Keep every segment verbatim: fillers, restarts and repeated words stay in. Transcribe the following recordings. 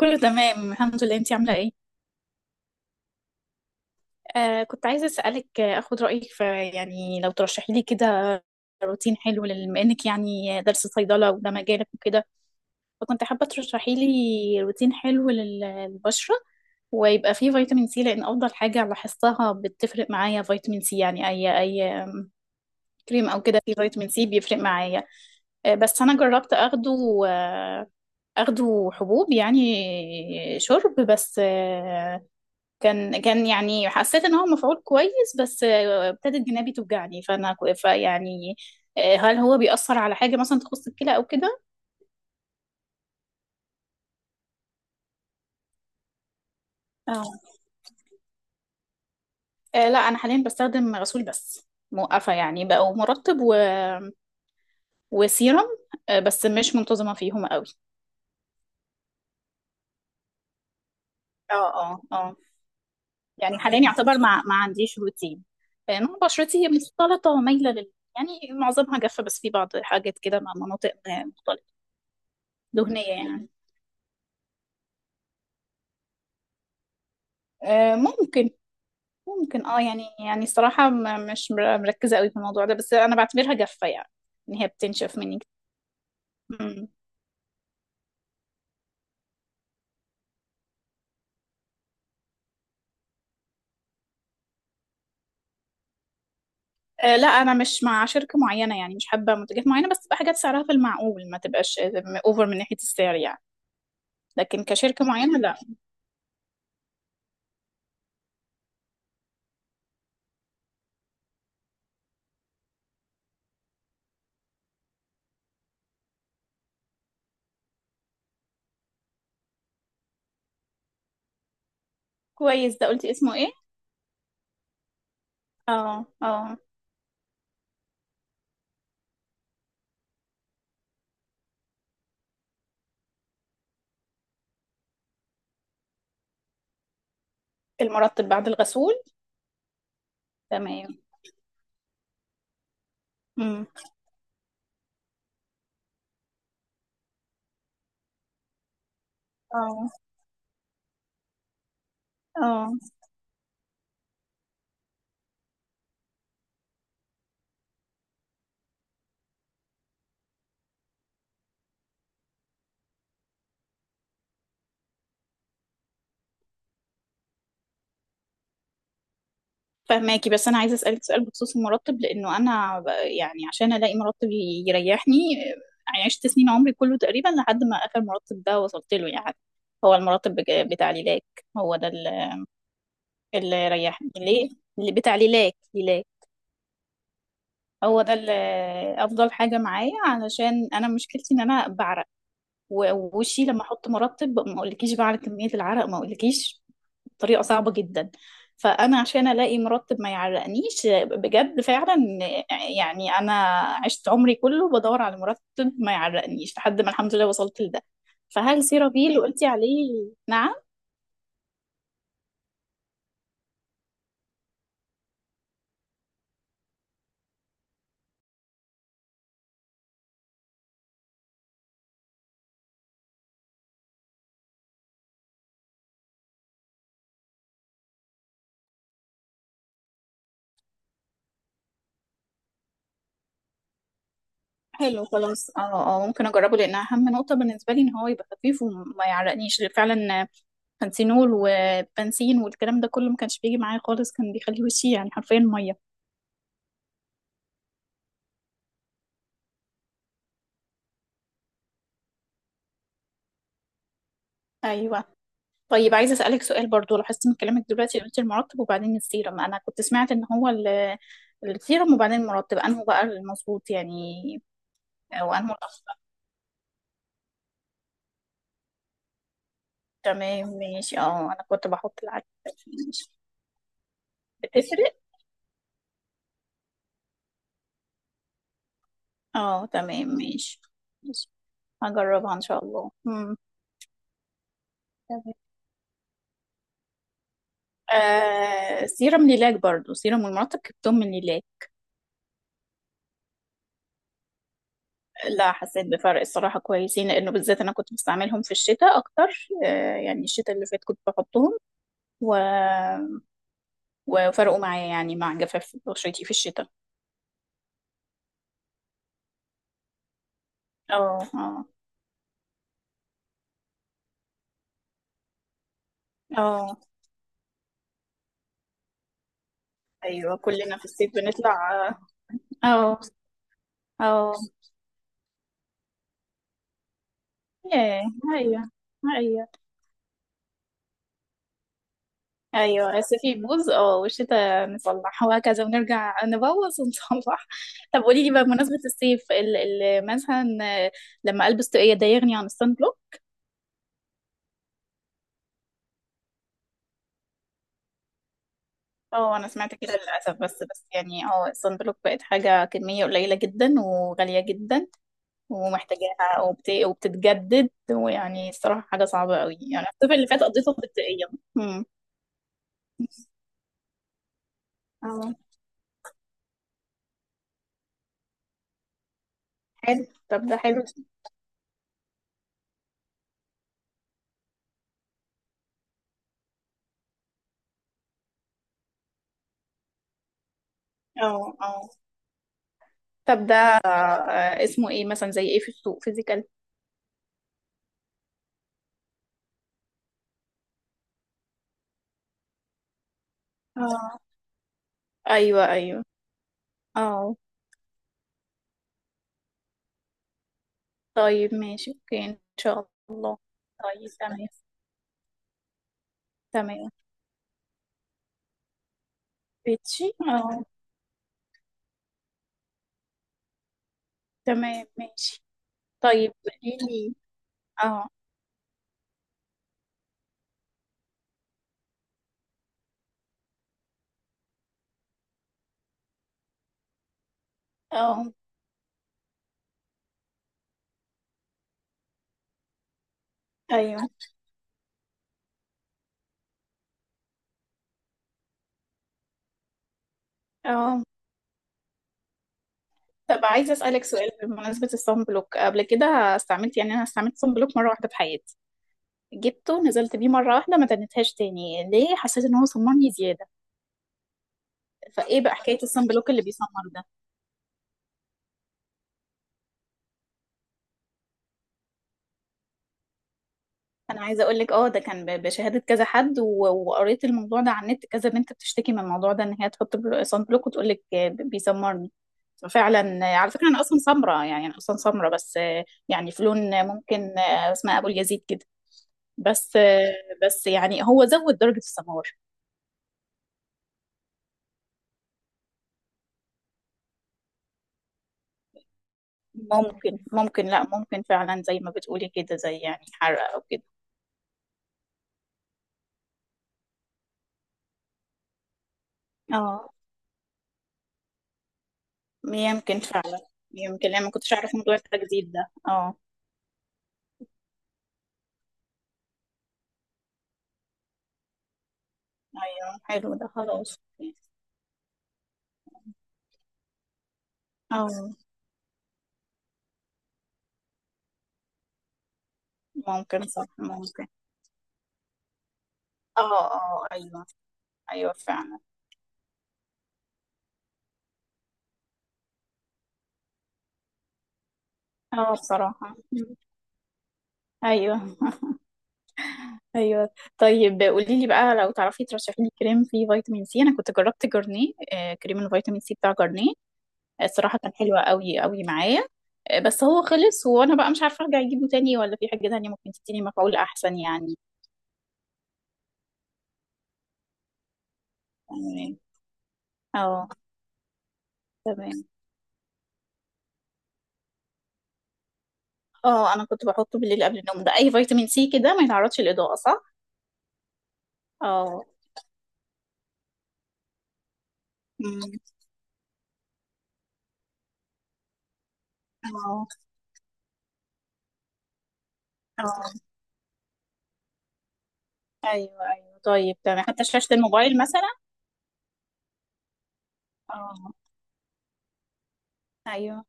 كله تمام الحمد لله، انتي عاملة ايه؟ آه كنت عايزة اسألك، آه، اخد رأيك في، يعني لو ترشحي لي كده روتين حلو بما انك يعني درس صيدلة وده مجالك وكده. فكنت حابة ترشحي لي روتين حلو لل- للبشرة، ويبقى فيه فيتامين سي لان افضل حاجة لاحظتها بتفرق معايا فيتامين سي، يعني اي اي آم، كريم او كده فيه فيتامين سي بيفرق معايا. آه بس انا جربت اخده، آه، اخده حبوب يعني، شرب بس. آه، كان كان يعني حسيت ان هو مفعول كويس، بس آه، ابتدت جنابي توجعني، فانا كو- فيعني، آه، هل هو بيأثر على حاجة مثلا تخص الكلى او كده؟ آه. آه، لا انا حاليا بستخدم غسول بس، موقفة يعني بقوا مرطب و... وسيرم، آه، بس مش منتظمة فيهم قوي. اه اه اه. يعني حاليا يعتبر ما ما عنديش روتين. آه، نوع بشرتي مختلطة ومايلة لل يعني معظمها جافة، بس في بعض حاجات كده مع مناطق آه، مختلطة، دهنية يعني. آه، ممكن. ممكن، اه يعني يعني الصراحة م- مش مر- مركزة قوي في الموضوع ده، بس أنا بعتبرها جافة يعني، إن هي بتنشف مني. مم. آه لا، أنا مش مع شركة معينة يعني، مش حابة منتجات معينة، بس تبقى حاجات سعرها في المعقول، ما تبقاش أوفر من ناحية السعر يعني. لكن كشركة معينة لا. كويس، ده قلتي اسمه إيه؟ اه اه. المرطب بعد الغسول. تمام. مم. اه اه. فهماكي، بس انا عايزه اسالك سؤال بخصوص المرتب، لانه انا ب- يعني عشان الاقي مرتب ي- يريحني، آه، عشت سنين عمري كله تقريبا لحد ما اخر مرتب ده وصلت له يعني. هو المرتب بج- بتاع ليلاك، هو ده ال- اللي ريحني ليه، اللي بتاع ليلاك ليلاك. هو ده اللي افضل حاجه معايا، علشان انا مشكلتي ان انا بعرق، و- ووشي لما احط مرطب ما اقولكيش بعرق، كميه العرق ما اقولكيش، طريقة صعبة جدا. فأنا عشان ألاقي مرتب ما يعرقنيش، بجد فعلا، يعني أنا عشت عمري كله بدور على مرتب ما يعرقنيش لحد ما الحمد لله وصلت لده. فهل سيرافيل اللي قلتي عليه؟ نعم. حلو، خلاص، اه اه، ممكن اجربه، لان اهم نقطه بالنسبه لي ان هو يبقى خفيف وما يعرقنيش فعلا. بنسينول وبنسين والكلام ده كله ما كانش بيجي معايا خالص، كان بيخلي وشي يعني حرفيا ميه. ايوه. طيب، عايزة أسألك سؤال برضو، لاحظت من كلامك دلوقتي قلت المرطب وبعدين السيرم، أنا كنت سمعت إن هو ال- السيرم وبعدين المرطب، أنه بقى المظبوط يعني، وأنه الأخطر. تمام، ماشي، اه، أنا كنت بحط العكس. ماشي. بتفرق. اه تمام، ماشي. ماشي. هجربها إن شاء الله. مم. تمام. آه سيرم ليلاك برضو، سيرم والمرطب جبتهم من ليلاك. لا، حسيت بفرق، الصراحة كويسين، لأنه بالذات أنا كنت بستعملهم في الشتاء أكتر، آه يعني الشتاء اللي فات كنت بحطهم، و وفرقوا معايا يعني مع جفاف بشرتي في الشتاء. اه اه. اه، ايوه كلنا في الصيف بنطلع. اه اه. ياه. ايوه ايوه. ايوه الصيف يبوظ، اه، والشتاء نصلح وهكذا، ونرجع نبوظ ونصلح طب قولي لي بقى، بمناسبة الصيف، ال ال مثلا آه، لما البس طاقية ده يغني عن الصن بلوك؟ اه، انا سمعت كده للاسف، بس بس يعني اه الصن بلوك بقت حاجة كمية قليلة جدا وغالية جدا، ومحتاجاها، وبت... وبتتجدد، ويعني الصراحة حاجة صعبة قوي، يعني الصيف اللي فات قضيته تلقائيا. امم. اه. حلو، طب ده حلو. اه اه. طب ده آه، اسمه ايه مثلا؟ زي ايه في السوق فيزيكال؟ اه. ايوه ايوه. اه، طيب ماشي، اوكي، ان شاء الله. طيب تمام. تمام، بيتشي، اه. تمام، ماشي. طيب قولي لي. اه اه، ايوه. اه. طب عايزة أسألك سؤال بمناسبة الصن بلوك، قبل كده استعملت، يعني أنا استعملت صن بلوك مرة واحدة في حياتي، جبته نزلت بيه مرة واحدة ما تنتهاش تاني، ليه؟ حسيت إن هو صممني زيادة. فإيه بقى حكاية الصن بلوك اللي بيسمر ده؟ أنا عايزة أقولك، أه ده كان ب- بشهادة كذا حد، و- وقريت الموضوع ده على النت، كذا بنت بتشتكي من الموضوع ده إن هي تحط بلو- صن بلوك وتقولك آه، ب- بيسمرني. ففعلا آه، على فكرة أنا أصلا سمرة يعني، أنا أصلا سمرة، بس آه، يعني في لون، آه، ممكن، آه، اسمها أبو اليزيد كده، بس آه، بس يعني هو زود درجة السمار. ممكن ممكن لا، ممكن فعلا زي ما بتقولي كده، زي يعني حرق او كده. اه، يمكن فعلا، يمكن، لان ما كنتش اعرف موضوع التجديد ده، اه. ايوه، حلو ده، خلاص. اه، ممكن صح، ممكن. اه اه، ايوه. ايوه فعلا. اه، بصراحة. ايوه ايوه، طيب قولي لي بقى، لو تعرفي ترشحي لي كريم فيه فيتامين سي، انا كنت جربت جرنيه، آه، كريم الفيتامين سي بتاع جرنيه، الصراحة كان حلو قوي قوي معايا. آه، بس هو خلص، وانا بقى مش عارفة ارجع اجيبه تاني، ولا في حاجة تانية ممكن تديني مفعول احسن يعني. تمام. اه تمام. اه، انا كنت بحطه بالليل قبل النوم، ده اي فيتامين سي كده ما يتعرضش للإضاءة صح؟ اه. أمم. اه اه، ايوه ايوه، طيب تمام، حتى شاشة الموبايل مثلا؟ اه. ايوه.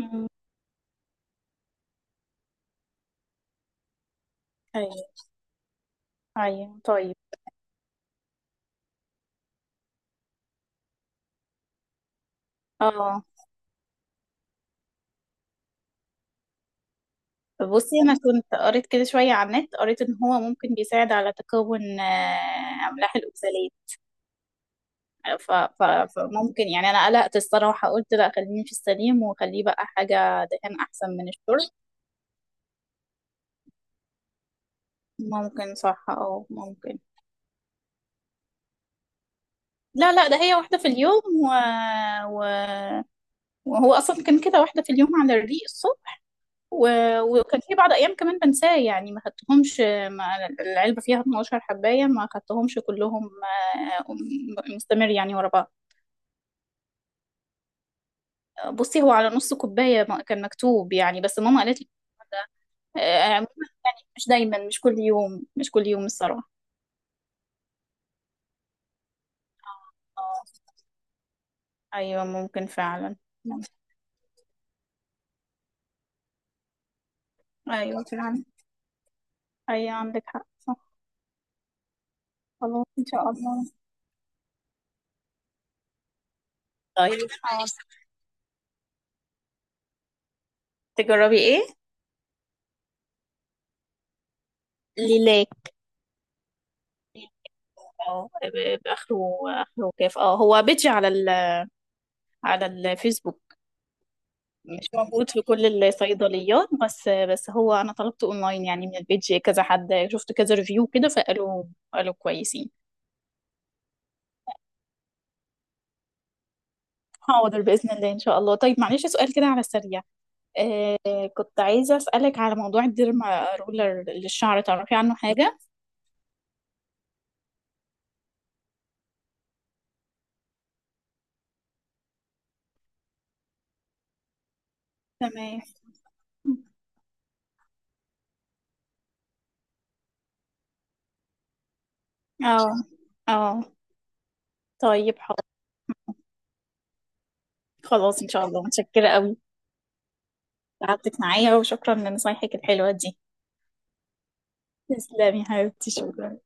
أمم. ايوه ايوه، طيب. اه. بصي انا كنت قريت كده شويه على النت، قريت ان هو ممكن بيساعد على تكون آه، املاح الاوكسالات، ف... ف... فممكن يعني انا قلقت الصراحه، قلت لا خليني في السليم وخليه بقى حاجه دهان احسن من الشرب. ممكن صح، اه ممكن. لا لا، ده هي واحده في اليوم و... و... وهو اصلا كان كده، واحده في اليوم على الريق الصبح، و... وكان في بعض ايام كمان بنساه يعني ما خدتهمش، ما العلبه فيها اتناشر حبايه ما خدتهمش كلهم. آه، م- مستمر يعني ورا بعض. بصي هو على نص كوبايه ما- كان مكتوب يعني، بس ماما قالت لي. آه، مش دايما، مش كل يوم، مش كل يوم الصراحة. اه أيوة، ممكن فعلا. أيوة فعلا. أيوة عندك حق، صح. خلاص إن شاء الله. طيب. اه. تجربي إيه؟ ليلاك. اه، ب- بآخره، آخره كيف، اه هو بيجي على ال على الفيسبوك. مش موجود في كل الصيدليات، بس بس هو أنا طلبته أونلاين يعني، من البيج كذا حد شفت كذا ريفيو كده، فقالوا قالوا كويسين. حاضر بإذن الله إن شاء الله، طيب معلش سؤال كده على السريع، آه كنت عايزة أسألك على موضوع الديرما رولر للشعر، تعرفي عنه حاجة؟ تمام. اه اه. طيب حاضر. خلاص إن شاء الله، متشكرة قوي، تعبتك معايا، وشكرا لنصايحك الحلوة دي. تسلمي حبيبتي، شكرا.